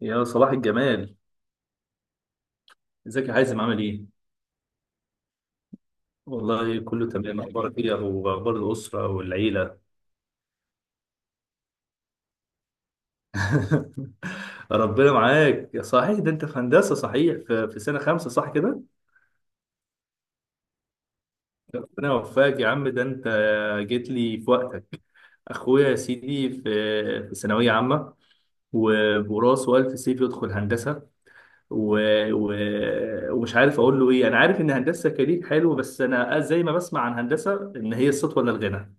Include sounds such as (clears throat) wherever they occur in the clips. يا صباح الجمال. ازيك يا حازم؟ عامل ايه؟ والله كله تمام. اخبارك ايه واخبار الاسره والعيله؟ (laughs) ربنا معاك. يا صحيح ده انت في هندسه صحيح، في سنه خمسه صح كده؟ ربنا يوفقك يا عم. ده انت جيت لي في وقتك. اخويا يا سيدي في ثانويه عامه، وبراسه الف سيف يدخل هندسه. و... و... ومش عارف اقول له ايه. انا عارف ان هندسه كارير حلو، بس انا زي ما بسمع عن هندسه ان هي السطوه ولا الغنى.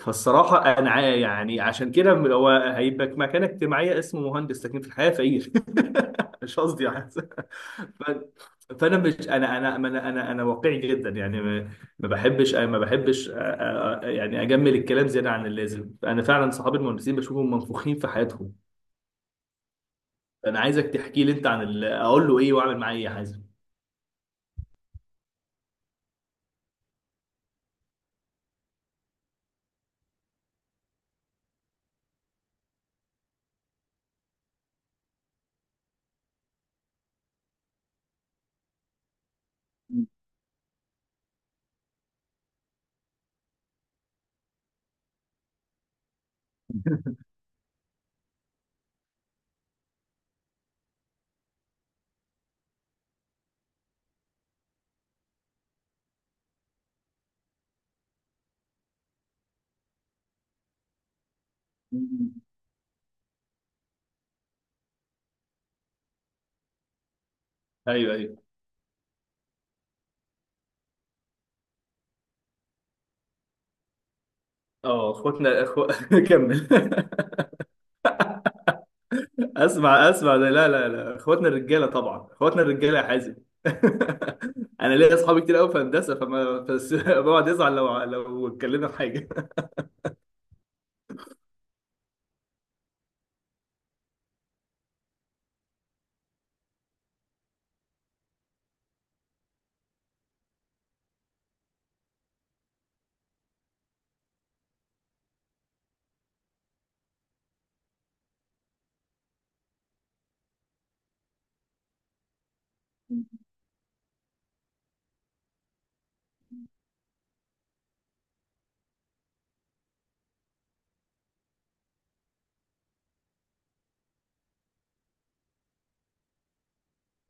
فالصراحة، أنا يعني عشان كده هو هيبقى مكانة اجتماعية اسمه مهندس، لكن في الحقيقة فقير. (laughs) مش قصدي يعني. فأنا مش أنا واقعي جدا. يعني ما بحبش يعني أجمل الكلام زيادة عن اللازم. أنا فعلا صحابي المهندسين بشوفهم منفوخين في حياتهم. أنا عايزك تحكي لي أنت عن أقول له إيه وأعمل معاه إيه يا حازم؟ (laughs) أيوه، أيوه. أه، إخواتنا. (laughs) كمل. اسمع، اسمع. ده لا، لا، لا، اخواتنا الرجاله طبعا، اخواتنا الرجاله يا حازم. (laughs) انا ليا اصحابي كتير قوي في هندسه، فما بس (laughs) بقعد يزعل لو اتكلمنا في حاجه.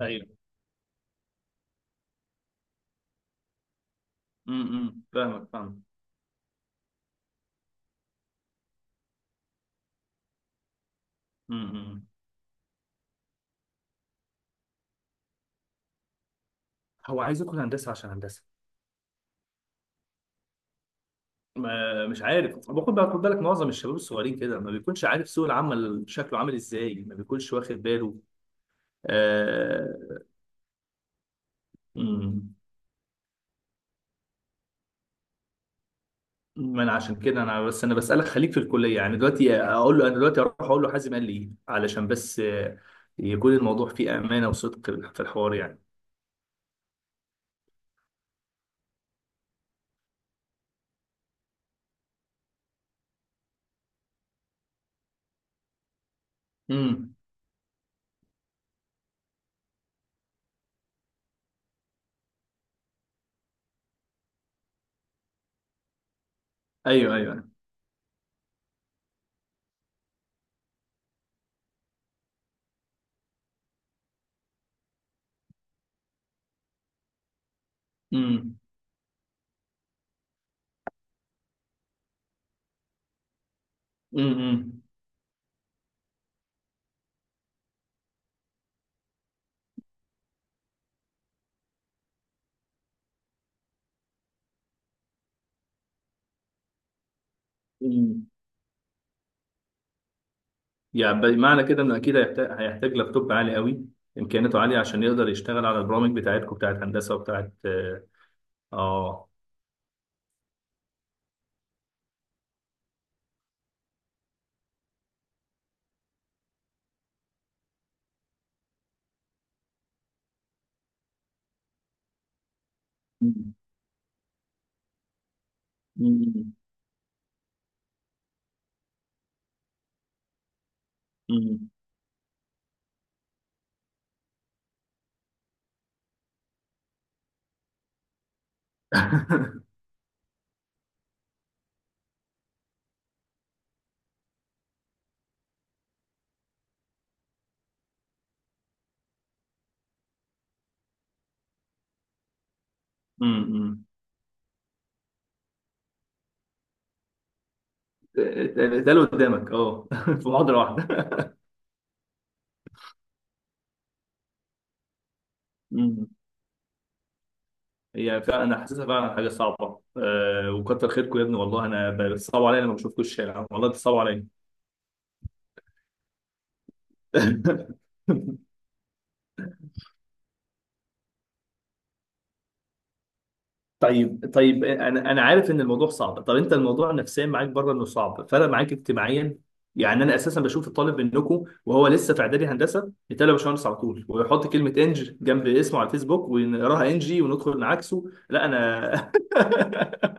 ايوه. فاهمك، فاهم. امم. هو عايز يدخل هندسه عشان هندسه. ما مش عارف. باخد بقى خد بالك، معظم الشباب الصغيرين كده ما بيكونش عارف سوق العمل شكله عامل ازاي، ما بيكونش واخد باله. آه... مم. ما انا عشان كده انا بس انا بسالك خليك في الكليه. يعني دلوقتي اقول له، انا دلوقتي اروح اقول له حازم قال لي ايه، علشان بس يكون الموضوع فيه امانه وصدق في الحوار يعني. امم. ايوه، ايوه. امم. امم. امم. يعني بمعنى كده انه اكيد هيحتاج لابتوب عالي قوي، امكانياته عاليه، عشان يقدر يشتغل على البرامج بتاعتكم، بتاعت هندسه وبتاعت اه آه. أمم. أمم. أمم. امم. اتقال (laughs) قدامك اه (laughs) في محاضره واحده؟ هي فعلا انا حاسسها فعلا حاجه صعبه. وكتر خيركم يا ابني والله. انا بتصعبوا عليا لما بشوفكم الشارع، والله بتصعبوا عليا. (laughs) طيب، طيب، انا عارف ان الموضوع صعب. طب انت الموضوع نفسيا معاك بره، انه صعب فرق معاك اجتماعيا؟ يعني انا اساسا بشوف الطالب منكم وهو لسه في اعدادي هندسه، يتقال يا باشمهندس على طول، ويحط كلمه انج جنب اسمه على الفيسبوك ونقراها انجي وندخل نعكسه. لا انا (laughs)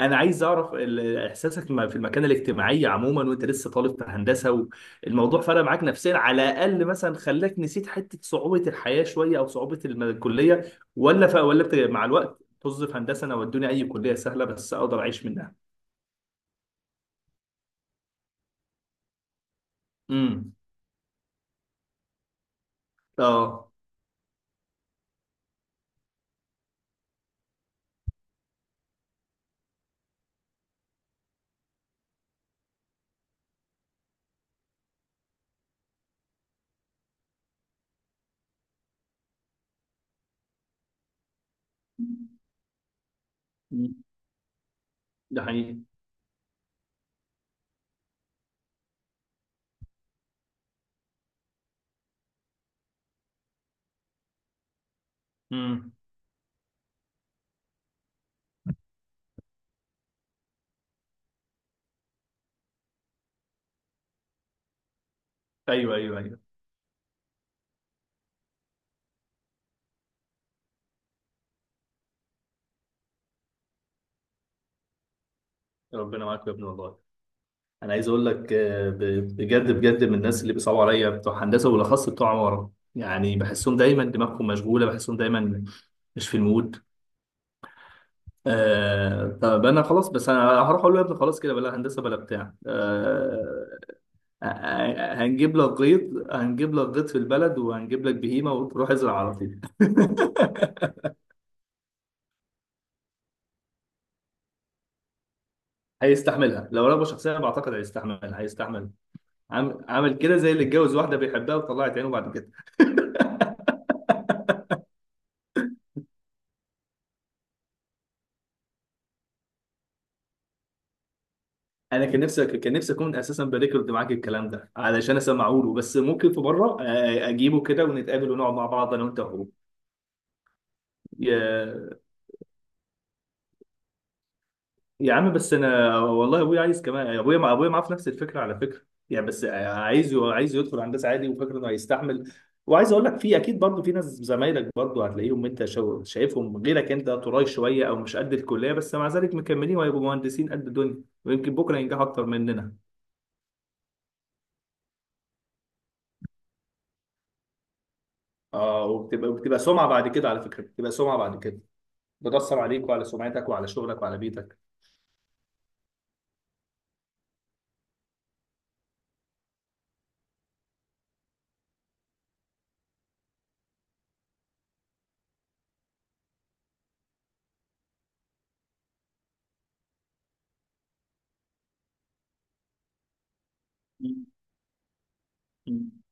انا عايز اعرف احساسك في المكانه الاجتماعيه عموما وانت لسه طالب في هندسه، والموضوع فرق معاك نفسيا على الاقل؟ مثلا خلاك نسيت حته صعوبه الحياه شويه، او صعوبه الكليه؟ ولا ف... ولا بت... مع الوقت طز في هندسه، انا ودوني اي كليه سهله بس اقدر اعيش منها. امم. اه. مم. ده حقيقي. امم. ايوه، ايوه، ايوه. ربنا معاك يا ابني والله. انا عايز اقول لك، بجد بجد من الناس اللي بيصعبوا عليا بتوع هندسه، وبالاخص بتوع عماره. يعني بحسهم دايما دماغهم مشغوله، بحسهم دايما مش في المود. آه طب انا خلاص. بس انا هروح اقول له يا ابني خلاص كده، بلا هندسه بلا بتاع. آه، هنجيب لك غيط، هنجيب لك غيط في البلد، وهنجيب لك بهيمه وروح ازرع على طول. هيستحملها، لو رغبه شخصيه أنا بعتقد هيستحملها، هيستحمل. عامل عامل كده زي اللي اتجوز واحده بيحبها وطلعت عينه بعد كده. انا كان نفسي اكون اساسا بريكورد معاك الكلام ده علشان اسمعه له. بس ممكن في مره اجيبه كده ونتقابل ونقعد مع بعض انا وانت وهو. يا يا عم، بس انا والله ابويا عايز كمان، ابويا مع ابويا معاه في نفس الفكره على فكره. يعني بس عايز يدخل هندسه عادي وفاكر انه هيستحمل. وعايز اقول لك في اكيد برضه في ناس، زمايلك برضه، هتلاقيهم انت شايفهم غيرك، انت طراي شويه او مش قد الكليه، بس مع ذلك مكملين، وهيبقوا مهندسين قد الدنيا، ويمكن بكره ينجحوا اكتر مننا. اه، وبتبقى سمعه بعد كده، على فكره بتبقى سمعه بعد كده. بتأثر عليك وعلى سمعتك وعلى شغلك وعلى بيتك. مم. مم.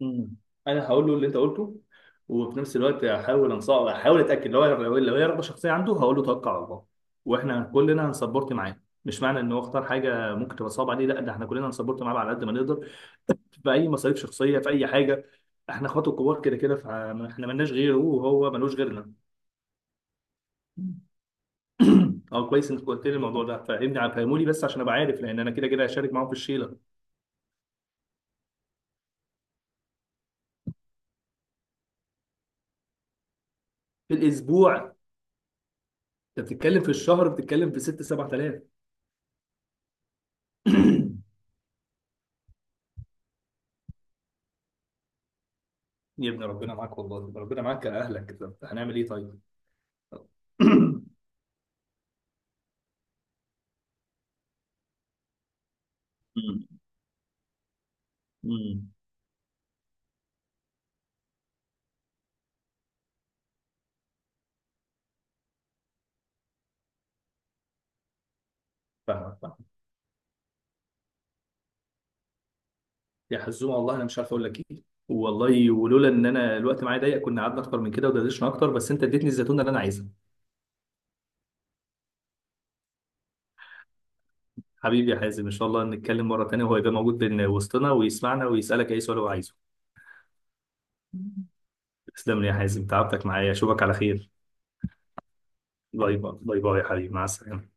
مم. انا هقول له اللي انت قلته، وفي نفس الوقت هحاول انصح، هحاول اتاكد، لو هي رغبه شخصيه عنده هقول له توكل على الله، واحنا كلنا هنسبورت معاه. مش معنى ان هو اختار حاجه ممكن تبقى صعبه عليه لا، ده احنا كلنا هنسبورت معاه على قد ما نقدر، في اي مصاريف شخصيه، في اي حاجه. احنا اخواته كبار كده كده، فاحنا ملناش غيره وهو ملوش غيرنا. (clears throat) اه، كويس انك قلت لي الموضوع ده. فاهمني، فهمولي بس عشان ابقى عارف، لان انا كده كده هشارك معاهم في الشيله. في الاسبوع انت بتتكلم، في الشهر بتتكلم في 6 7000. (clears throat) يا ابن، ربنا معاك والله، ربنا معاك يا اهلك. طب هنعمل ايه؟ طيب. (clears throat) (coughs) أمم. أمم. فاهمك، فاهمك يا حزومه. والله انا مش عارف اقول لك ايه. والله، ولولا ان انا الوقت معايا ضيق كنا قعدنا اكتر من كده ودردشنا اكتر، بس انت اديتني الزيتونه اللي انا عايزها. حبيبي يا حازم، ان شاء الله نتكلم مره تانيه وهو يبقى موجود بين وسطنا ويسمعنا، ويسالك اي سؤال هو عايزه. تسلم لي يا حازم، تعبتك معايا. اشوفك على خير. باي باي، باي باي يا حبيبي، مع السلامه.